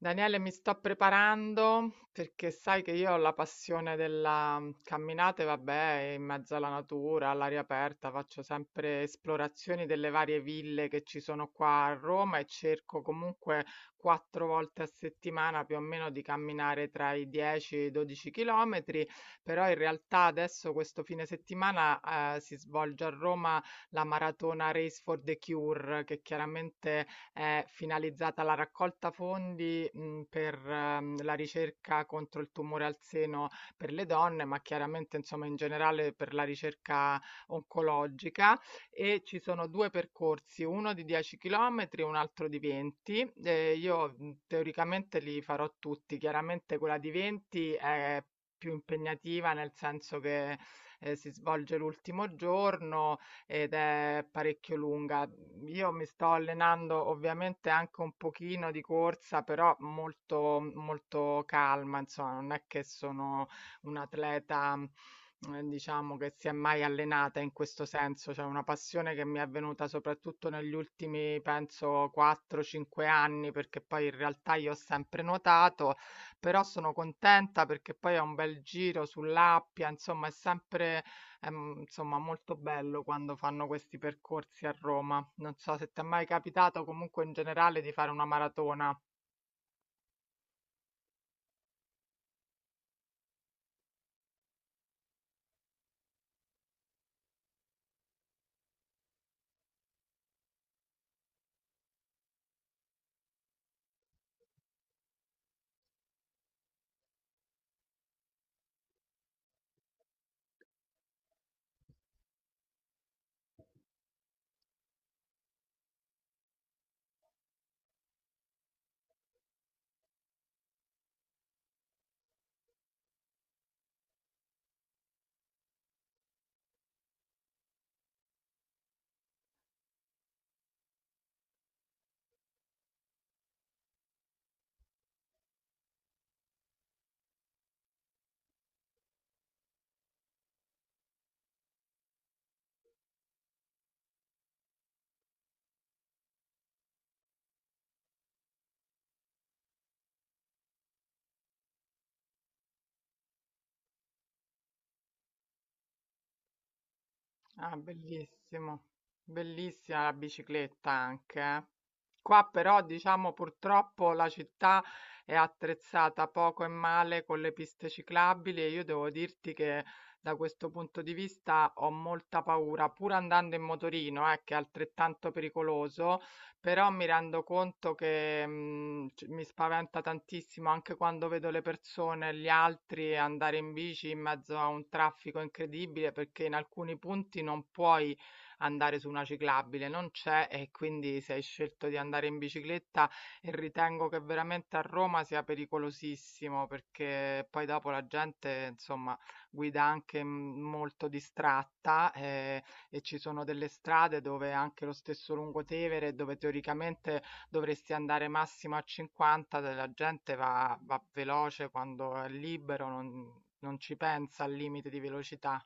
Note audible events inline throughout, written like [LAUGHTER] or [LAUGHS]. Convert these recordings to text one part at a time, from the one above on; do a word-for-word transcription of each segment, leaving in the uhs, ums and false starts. Daniele, mi sto preparando perché sai che io ho la passione della mm, camminata, e vabbè, in mezzo alla natura, all'aria aperta, faccio sempre esplorazioni delle varie ville che ci sono qua a Roma e cerco comunque quattro volte a settimana più o meno di camminare tra i dieci e i dodici chilometri, però in realtà adesso questo fine settimana eh, si svolge a Roma la maratona Race for the Cure, che chiaramente è finalizzata alla raccolta fondi, mhmm, per, ehm, la ricerca contro il tumore al seno per le donne, ma chiaramente insomma in generale per la ricerca oncologica. E ci sono due percorsi, uno di dieci chilometri e un altro di venti. Ehm, io, mhmm, teoricamente li farò tutti. Chiaramente quella di venti è più impegnativa, nel senso che, ehm, si svolge l'ultimo giorno ed è parecchio lunga. Io mi sto allenando ovviamente anche un pochino di corsa, però molto, molto calma, insomma, non è che sono un'atleta, mh, eh, diciamo, che si è mai allenata in questo senso, cioè una passione che mi è venuta soprattutto negli ultimi, penso, quattro cinque anni, perché poi in realtà io ho sempre nuotato, però sono contenta perché poi ho un bel giro sull'Appia, insomma, è sempre è mm, insomma molto bello quando fanno questi percorsi a Roma. Non so se ti è mai capitato comunque in generale di fare una maratona. Ah, bellissimo. Bellissima la bicicletta anche, eh. Qua però diciamo purtroppo la città è attrezzata poco e male con le piste ciclabili e io devo dirti che da questo punto di vista ho molta paura, pur andando in motorino, eh, che è altrettanto pericoloso. Però mi rendo conto che, mhmm, c mi spaventa tantissimo anche quando vedo le persone, gli altri andare in bici in mezzo a un traffico incredibile, perché in alcuni punti non puoi andare su una ciclabile, non c'è e quindi se hai scelto di andare in bicicletta e ritengo che veramente a Roma sia pericolosissimo, perché poi dopo la gente, insomma, guida anche, mhmm, molto distratta, ehm e ci sono delle strade dove anche lo stesso Lungotevere, dove teoricamente dovresti andare massimo a cinquanta, de- la gente va, va veloce quando è libero, non, non ci pensa al limite di velocità.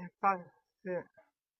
Infa Sì.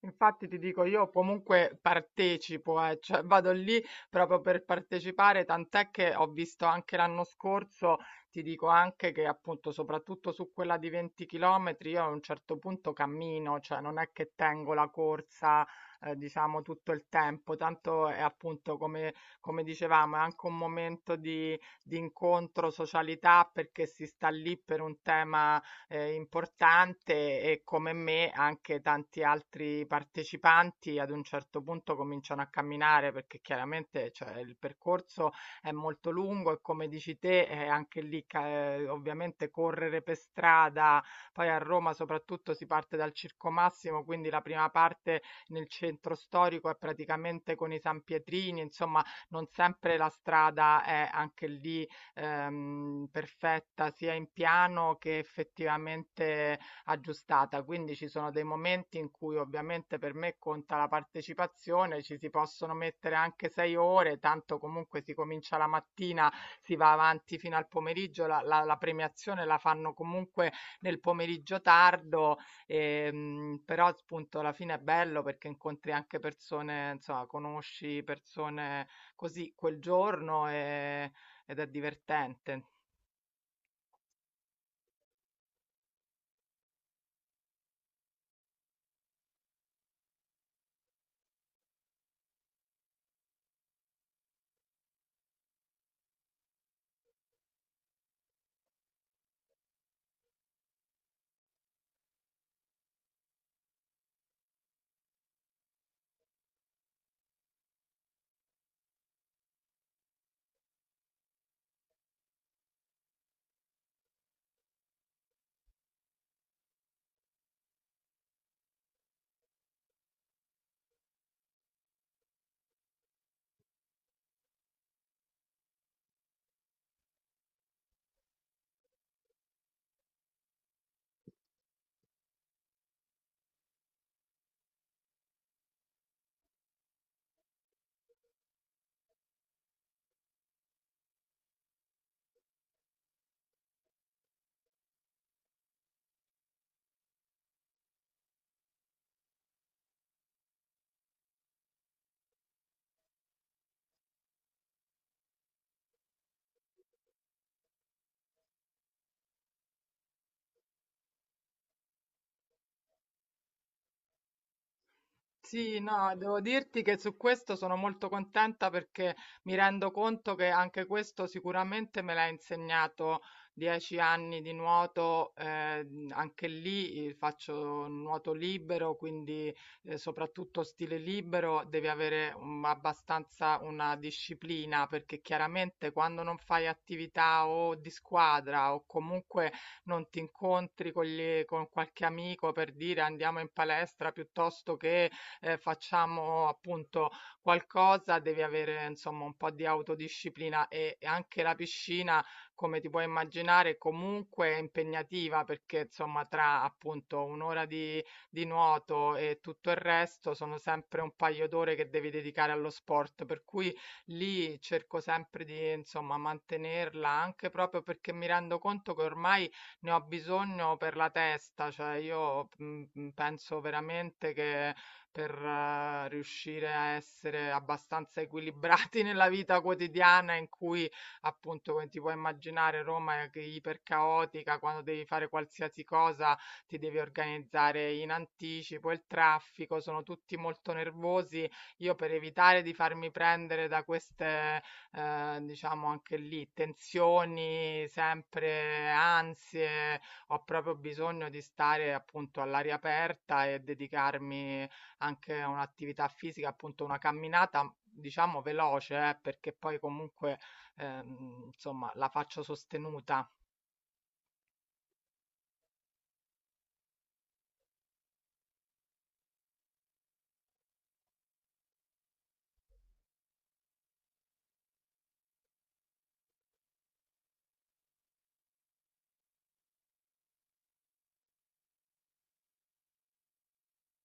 Infatti ti dico, io comunque partecipo, eh, cioè vado lì proprio per partecipare, tant'è che ho visto anche l'anno scorso, ti dico anche che appunto soprattutto su quella di venti chilometri io a un certo punto cammino, cioè non è che tengo la corsa, eh, diciamo tutto il tempo, tanto è appunto come, come dicevamo, è anche un momento di, di incontro, socialità, perché si sta lì per un tema eh, importante e come me anche tanti altri partecipanti ad un certo punto cominciano a camminare perché chiaramente cioè, il percorso è molto lungo e come dici te eh, anche lì ca- eh, ovviamente correre per strada, poi a Roma soprattutto si parte dal Circo Massimo, quindi la prima parte nel centro storico è praticamente con i San Pietrini, insomma non sempre la strada è anche lì ehm, perfetta sia in piano che effettivamente aggiustata. Quindi ci sono dei momenti in cui ovviamente per me conta la partecipazione, ci si possono mettere anche sei ore, tanto comunque si comincia la mattina, si va avanti fino al pomeriggio, la, la- la premiazione la fanno comunque nel pomeriggio tardo, ehm, però appunto alla fine è bello perché incontri anche persone, insomma, conosci persone così quel giorno e ed è divertente. Sì, no, devo dirti che su questo sono molto contenta perché mi rendo conto che anche questo sicuramente me l'ha insegnato dieci anni di nuoto, eh, anche lì eh, faccio nuoto libero, quindi eh, soprattutto stile libero devi avere un- abbastanza una disciplina perché chiaramente quando non fai attività o di squadra o comunque non ti incontri con, gli- con qualche amico per dire andiamo in palestra piuttosto che eh, facciamo appunto qualcosa, devi avere insomma un po' di autodisciplina e, e anche la piscina, come ti puoi immaginare, comunque è impegnativa perché insomma tra appunto un'ora di, di nuoto e tutto il resto sono sempre un paio d'ore che devi dedicare allo sport, per cui lì cerco sempre di insomma mantenerla anche proprio perché mi rendo conto che ormai ne ho bisogno per la testa, cioè io mm, penso veramente che per eh, riuscire a essere abbastanza equilibrati [LAUGHS] nella vita quotidiana in cui, appunto, come ti puoi immaginare, Roma è ipercaotica, quando devi fare qualsiasi cosa ti devi organizzare in anticipo, il traffico, sono tutti molto nervosi. Io per evitare di farmi prendere da queste, eh, diciamo anche lì, tensioni, sempre ansie, ho proprio bisogno di stare appunto all'aria aperta e dedicarmi anche un'attività fisica, appunto una camminata, diciamo veloce, eh, perché poi comunque ehm, insomma la faccio sostenuta.